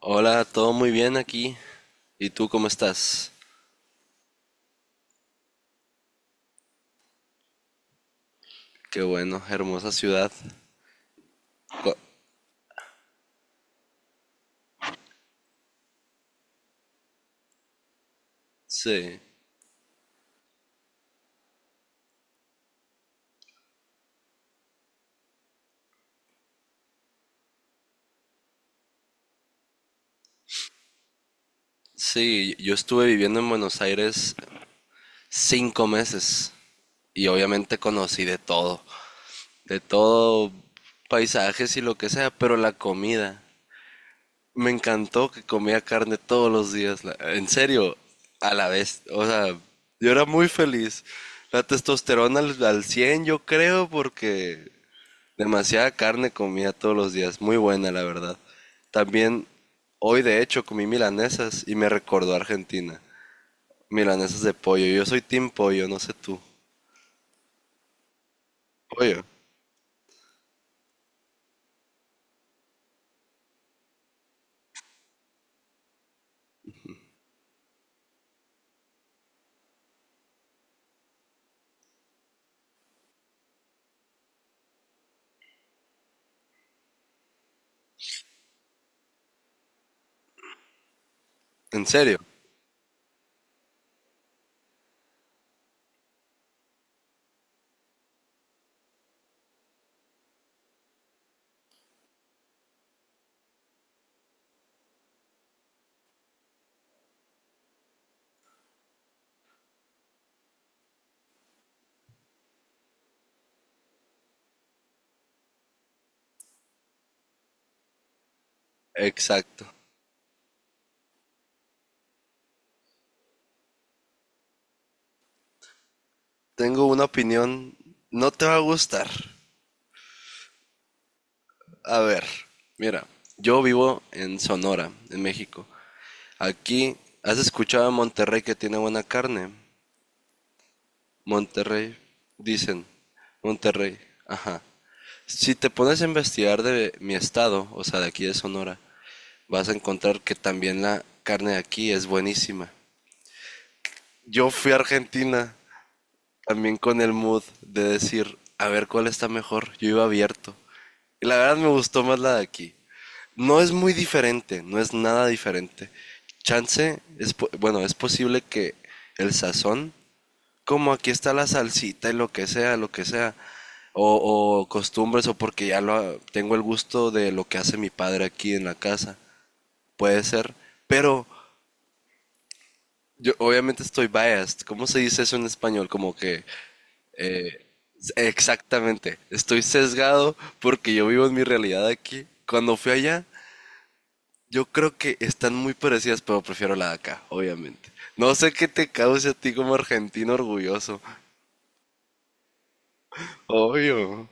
Hola, todo muy bien aquí. ¿Y tú cómo estás? Qué bueno, hermosa ciudad. Cu- Sí, sí, yo estuve viviendo en Buenos Aires cinco meses y obviamente conocí de todo, paisajes y lo que sea, pero la comida. Me encantó que comía carne todos los días, en serio, a la vez. O sea, yo era muy feliz. La testosterona al 100, yo creo, porque demasiada carne comía todos los días, muy buena la verdad. También hoy de hecho comí milanesas y me recordó a Argentina. Milanesas de pollo, yo soy team pollo, no sé tú. Pollo, ¿en serio? Exacto. Tengo una opinión, no te va a gustar. A ver, mira, yo vivo en Sonora, en México. Aquí, ¿has escuchado de Monterrey que tiene buena carne? Monterrey, dicen. Monterrey, ajá. Si te pones a investigar de mi estado, o sea, de aquí de Sonora, vas a encontrar que también la carne de aquí es buenísima. Yo fui a Argentina también con el mood de decir, a ver cuál está mejor. Yo iba abierto. Y la verdad me gustó más la de aquí. No es muy diferente, no es nada diferente. Chance, es, bueno, es posible que el sazón como aquí está la salsita y lo que sea, lo que sea. O costumbres o porque ya lo, tengo el gusto de lo que hace mi padre aquí en la casa. Puede ser. Pero yo obviamente estoy biased. ¿Cómo se dice eso en español? Como que... eh, exactamente. Estoy sesgado porque yo vivo en mi realidad aquí. Cuando fui allá, yo creo que están muy parecidas, pero prefiero la de acá, obviamente. No sé qué te cause a ti como argentino orgulloso. Obvio,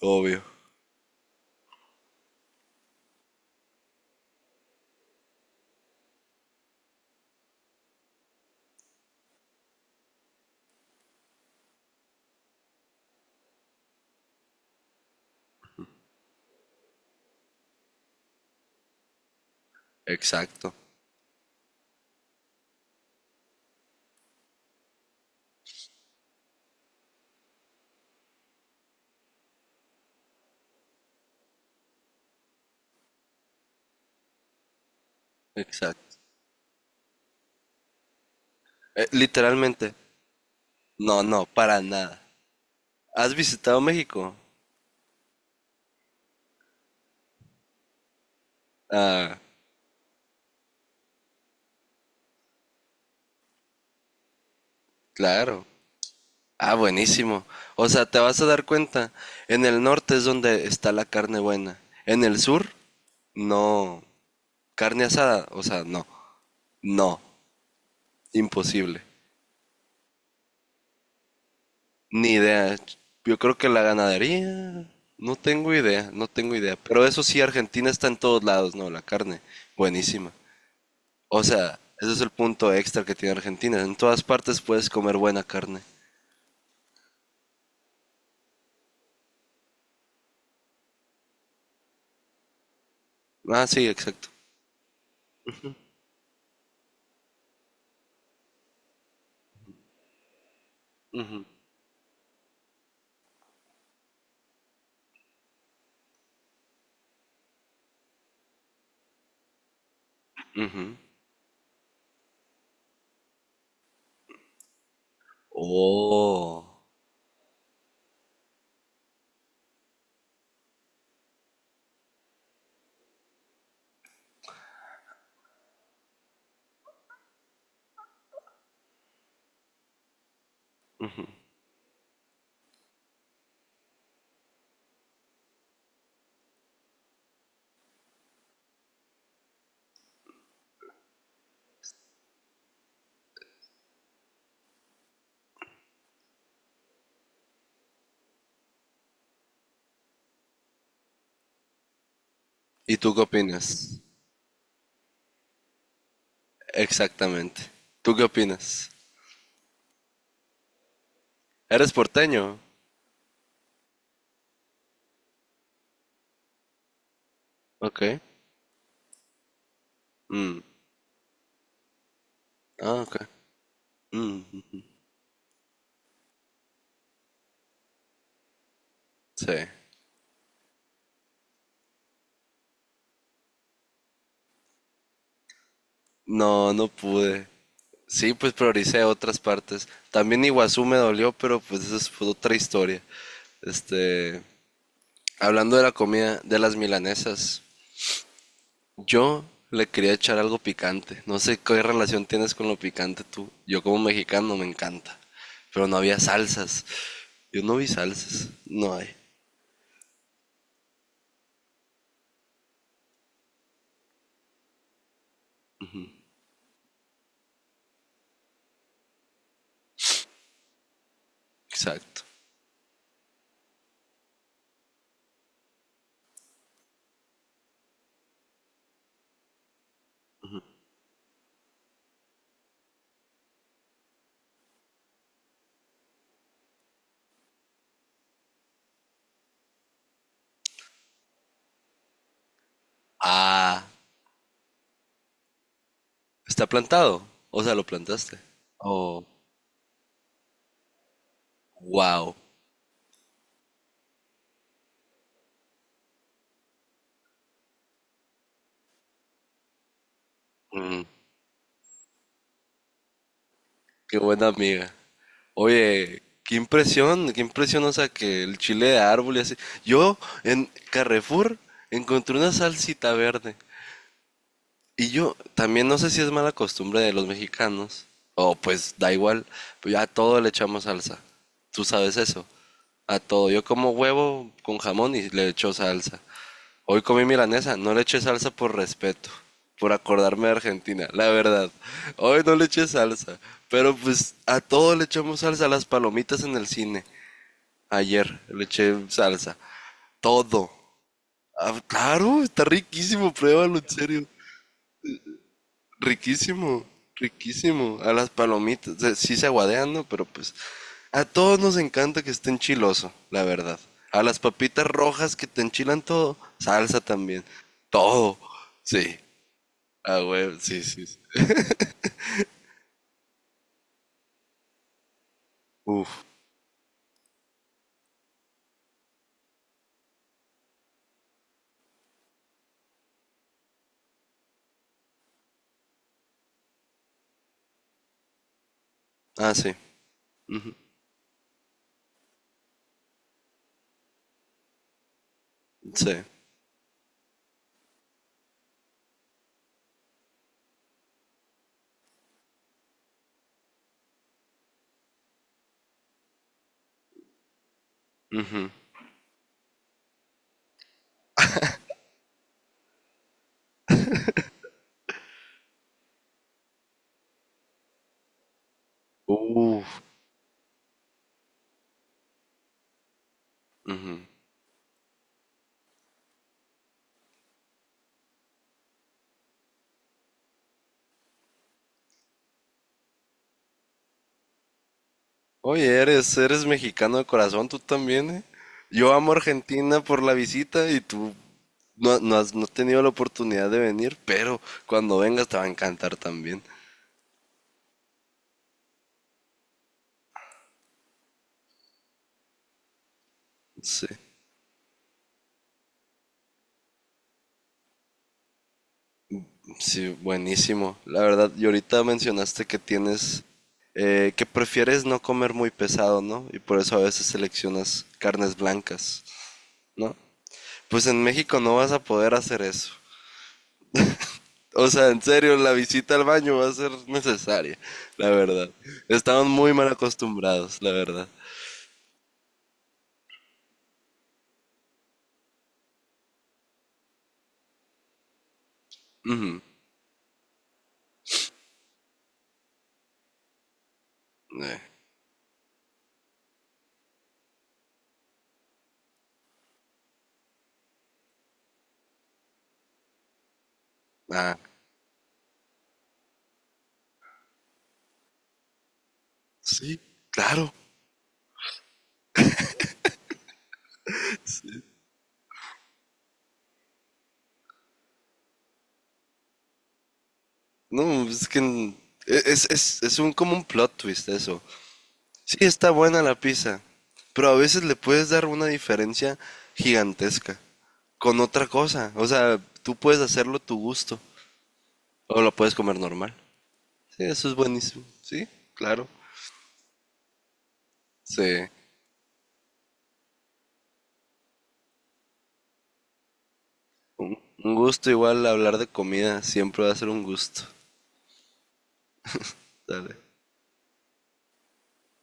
obvio. Exacto, exacto. Literalmente, no, no, para nada. ¿Has visitado México? Ah, claro. Ah, buenísimo. O sea, te vas a dar cuenta, en el norte es donde está la carne buena. En el sur, no. Carne asada, o sea, no. No, imposible. Ni idea. Yo creo que la ganadería, no tengo idea, no tengo idea. Pero eso sí, Argentina está en todos lados, ¿no? La carne, buenísima. O sea, ese es el punto extra que tiene Argentina. En todas partes puedes comer buena carne. Ah, sí, exacto. Ujú. Oh. ¿Y tú qué opinas? Exactamente. ¿Tú qué opinas? ¿Eres porteño? Ok. Mm. Ah, ok. Mm, sí. No, no pude. Sí, pues prioricé otras partes. También Iguazú me dolió, pero pues eso es otra historia. Este, hablando de la comida, de las milanesas. Yo le quería echar algo picante. No sé qué relación tienes con lo picante tú. Yo como mexicano me encanta. Pero no había salsas. Yo no vi salsas. No hay. Exacto. Ah, está plantado. O sea, lo plantaste. Oh, wow. Mm, qué buena amiga. Oye, qué impresión, o sea, que el chile de árbol y así. Yo en Carrefour encontré una salsita verde. Y yo también no sé si es mala costumbre de los mexicanos, o pues da igual, pero ya a todo le echamos salsa. Tú sabes eso. A todo. Yo como huevo con jamón y le echo salsa. Hoy comí milanesa, no le eché salsa por respeto, por acordarme de Argentina, la verdad. Hoy no le eché salsa, pero pues a todo le echamos salsa, las palomitas en el cine. Ayer le eché salsa. Todo. Ah, claro, está riquísimo, pruébalo, en serio. Riquísimo, riquísimo. A las palomitas, sí se aguadean, ¿no? Pero pues a todos nos encanta que estén chiloso, la verdad. A las papitas rojas que te enchilan todo, salsa también. Todo. Sí. Ah, güey, sí, sí. Sí. Uf. Ah, sí. Sí. Uf. Oye, eres mexicano de corazón, tú también, ¿eh? Yo amo Argentina por la visita y tú no, no has tenido la oportunidad de venir, pero cuando vengas te va a encantar también. Sí. Sí, buenísimo. La verdad, y ahorita mencionaste que tienes, que prefieres no comer muy pesado, ¿no? Y por eso a veces seleccionas carnes blancas, ¿no? Pues en México no vas a poder hacer eso. O sea, en serio, la visita al baño va a ser necesaria, la verdad. Estamos muy mal acostumbrados, la verdad. Ujú. Eh, ah, sí, claro. No, es que es, un como un plot twist eso. Sí, está buena la pizza, pero a veces le puedes dar una diferencia gigantesca con otra cosa. O sea, tú puedes hacerlo a tu gusto o lo puedes comer normal. Sí, eso es buenísimo. Sí, claro. Sí. Un gusto igual hablar de comida, siempre va a ser un gusto. Dale.